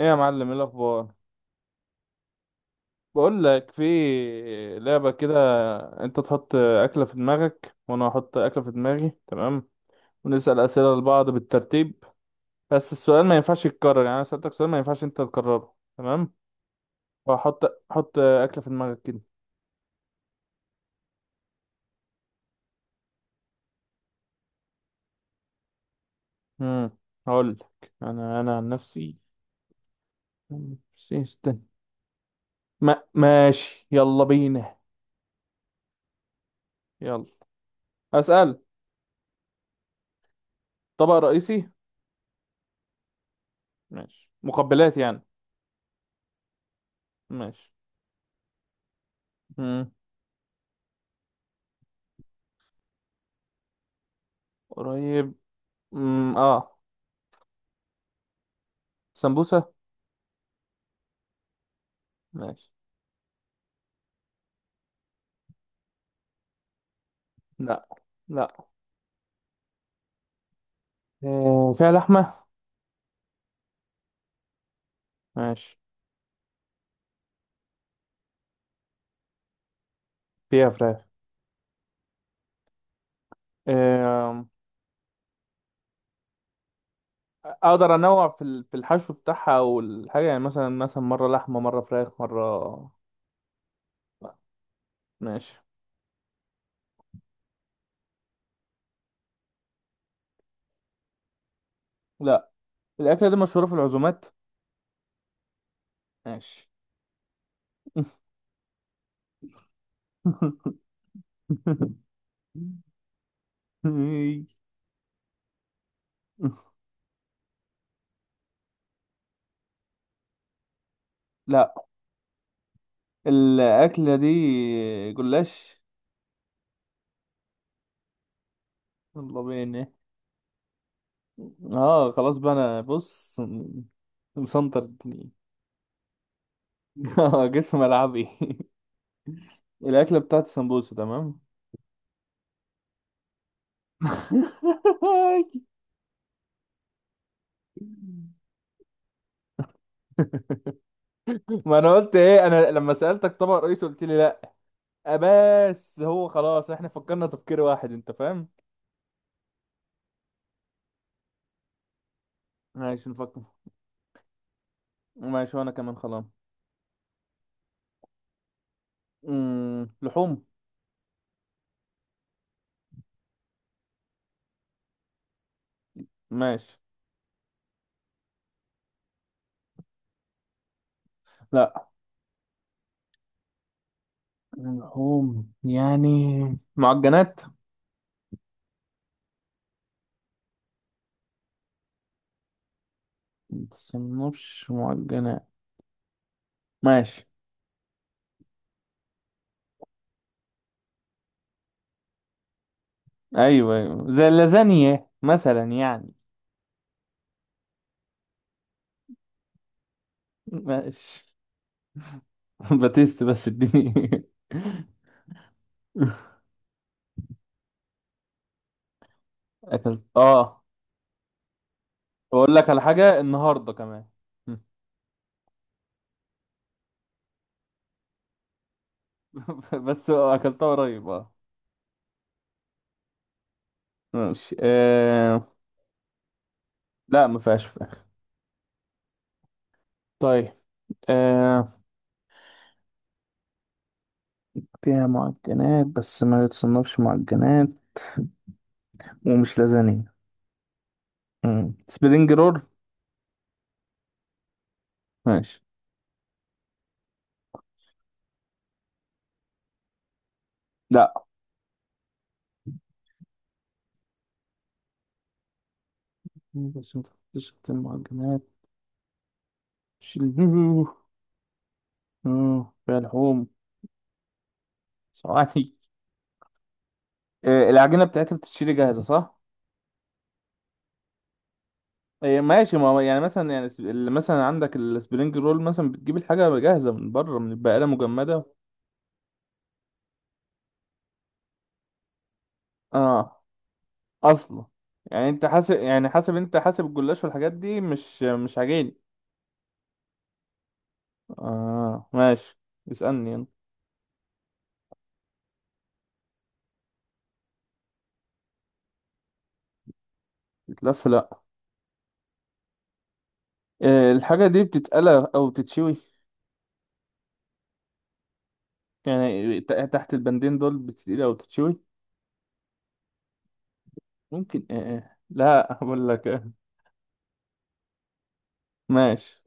ايه يا معلم، ايه الاخبار؟ بقول لك، في لعبه كده. انت تحط اكله في دماغك وانا احط اكله في دماغي، تمام؟ ونسال اسئله لبعض بالترتيب. بس السؤال ما ينفعش يتكرر، يعني انا سالتك سؤال ما ينفعش انت تكرره، تمام؟ وهحط اكله في دماغك كده. امم هقول لك، انا عن نفسي. استنى. ما ماشي، يلا بينا. يلا اسال. طبق رئيسي؟ ماشي، مقبلات يعني. ماشي. امم قريب. امم اه سمبوسة. ماشي. لا، لا. آه، فيها لحمة. ماشي. فيها فراخ. آه، اقدر انوع في الحشو بتاعها او الحاجة، يعني مثلا مرة لحمة مرة فراخ مرة. لا. ماشي. لا، الأكلة دي مشهورة في العزومات. ماشي. لا، الأكلة دي جلاش. الله بينا. اه خلاص بقى، انا بص مسنطر الدنيا. اه، جيت في ملعبي. الأكلة بتاعت السمبوسة، تمام. ما أنا قلت إيه، أنا لما سألتك طبق رئيسي قلت لي لأ. آه، بس هو خلاص، إحنا فكرنا تفكير واحد، أنت فاهم. ماشي، نفكر. ماشي، وأنا كمان خلاص. لحوم. ماشي. لأ، لحوم يعني. معجنات. متصنفش معجنات. ماشي. أيوه، أيوه، زي اللازانيا مثلا يعني. ماشي. باتيست بس اديني. اكلت، اه. واقول لك على حاجه النهارده كمان. بس اكلتها قريب، اه. ماشي. لا، ما فيهاش فراخ. طيب. آه... فيها معجنات بس ما يتصنفش معجنات، ومش لازانية. مم. سبرينج رول. ماشي. لا، بس ما تحطش تحت المعجنات. مش ال- آه، فيها لحوم. صواني. العجينة بتاعتها بتتشري جاهزة، صح؟ آه، ماشي. ما هو يعني مثلا، يعني اللي مثلا عندك السبرينج رول مثلا بتجيب الحاجة جاهزة من بره، من البقالة، مجمدة. اه اصلا، يعني انت حاسب، يعني حاسب، انت حاسب الجلاش والحاجات دي مش عجين. اه، ماشي. اسألني يلا. بتلف، لا. آه، الحاجة دي بتتقلى او بتتشوي. يعني تحت البندين دول بتتقلى او بتتشوي. ممكن. آه. آه. لا اقول لك، آه. ماشي.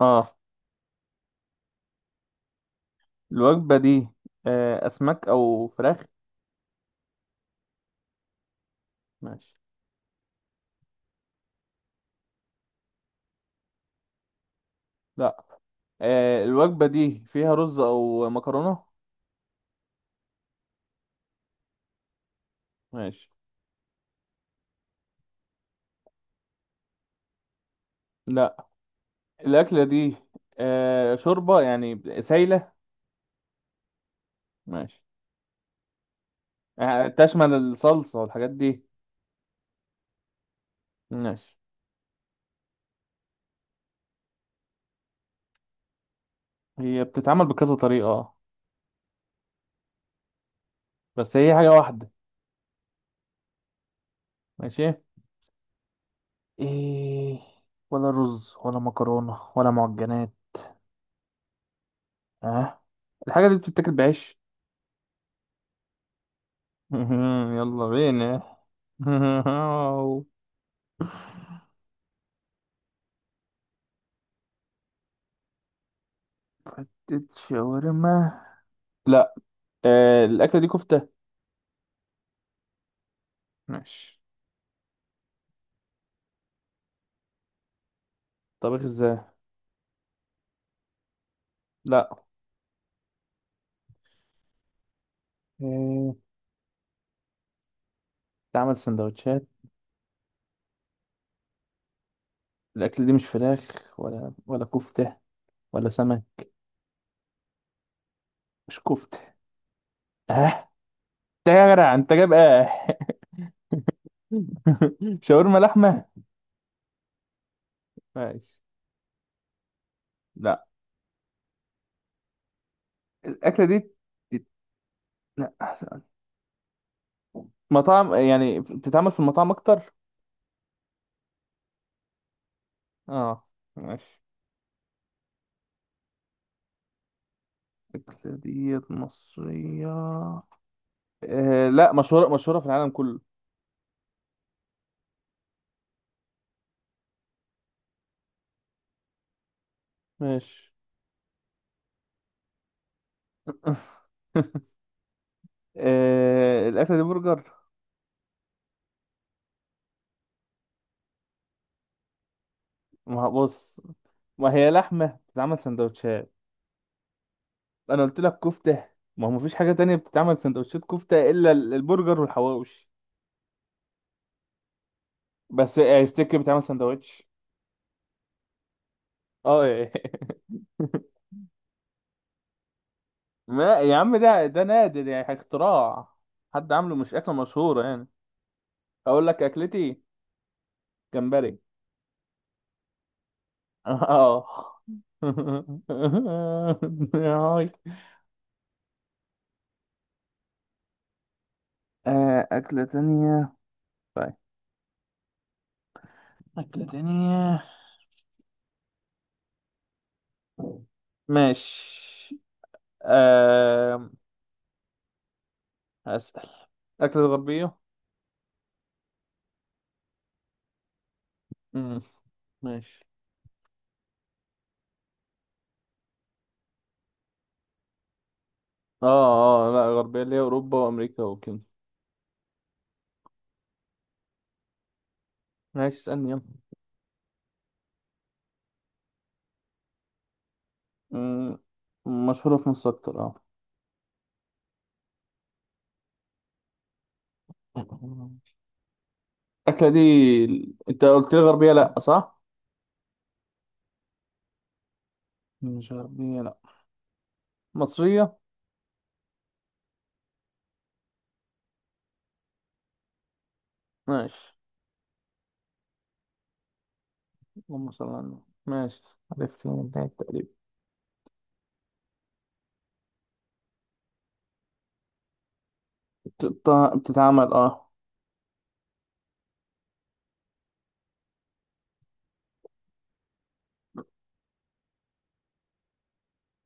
اه، الوجبة دي. آه، اسماك او فراخ. ماشي. لا. آه، الوجبة دي فيها رز او مكرونة. ماشي. لا، الأكلة دي. آه، شوربة يعني سايلة. ماشي. آه، تشمل الصلصة والحاجات دي. ماشي. هي بتتعمل بكذا طريقة، آه. بس هي حاجة واحدة. ماشي. إيه، ولا رز ولا مكرونة ولا معجنات. اه. الحاجة دي بتتاكل بعيش. يلا بينا. حتة شاورما. لا. آه، الأكلة دي كفتة. ماشي. طبخ ازاي؟ لا. آه، تعمل سندوتشات. الأكل دي مش فراخ ولا كفتة ولا سمك، مش كفتة. اه، ده يا جدع أنت جايب، اه. شاورما لحمة. ماشي. لا، الأكلة دي. تت- لا أحسن، مطاعم يعني، بتتعمل في المطاعم أكتر، اه. ماشي. الأكلة دي مصرية. آه، لا، مشهورة مشهورة في العالم كله. ماشي. آه، الأكلة دي برجر. ما هو- بص، ما هي لحمة بتتعمل سندوتشات. انا قلت لك كفته. ما هو مفيش حاجه تانية بتتعمل سندوتشات كفته الا البرجر والحواوش. بس آه، ستيك بيتعمل سندوتش. اه، إيه. ما يا عم، ده نادر يعني، اختراع. حد عامله، مش اكله مشهوره يعني. اقول لك اكلتي. جمبري. اه. آه، اكله تانية. طيب، اكله تانية. ماشي. أه... هسأل. أكلة غربية؟ مم. ماشي. اه، اه، لا، غربية اللي هي أوروبا وأمريكا وكده. ماشي، اسألني يلا. مم، مشهورة في مصر أكتر، اه. الأكلة دي، أنت قلت لي غربية لأ، صح؟ مش غربية لأ. مصرية. ماشي. اللهم صل على النبي. ماشي، عرفت من البداية تقريبا. بتت- بتتعمل، اه.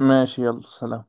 ماشي، يلا سلام.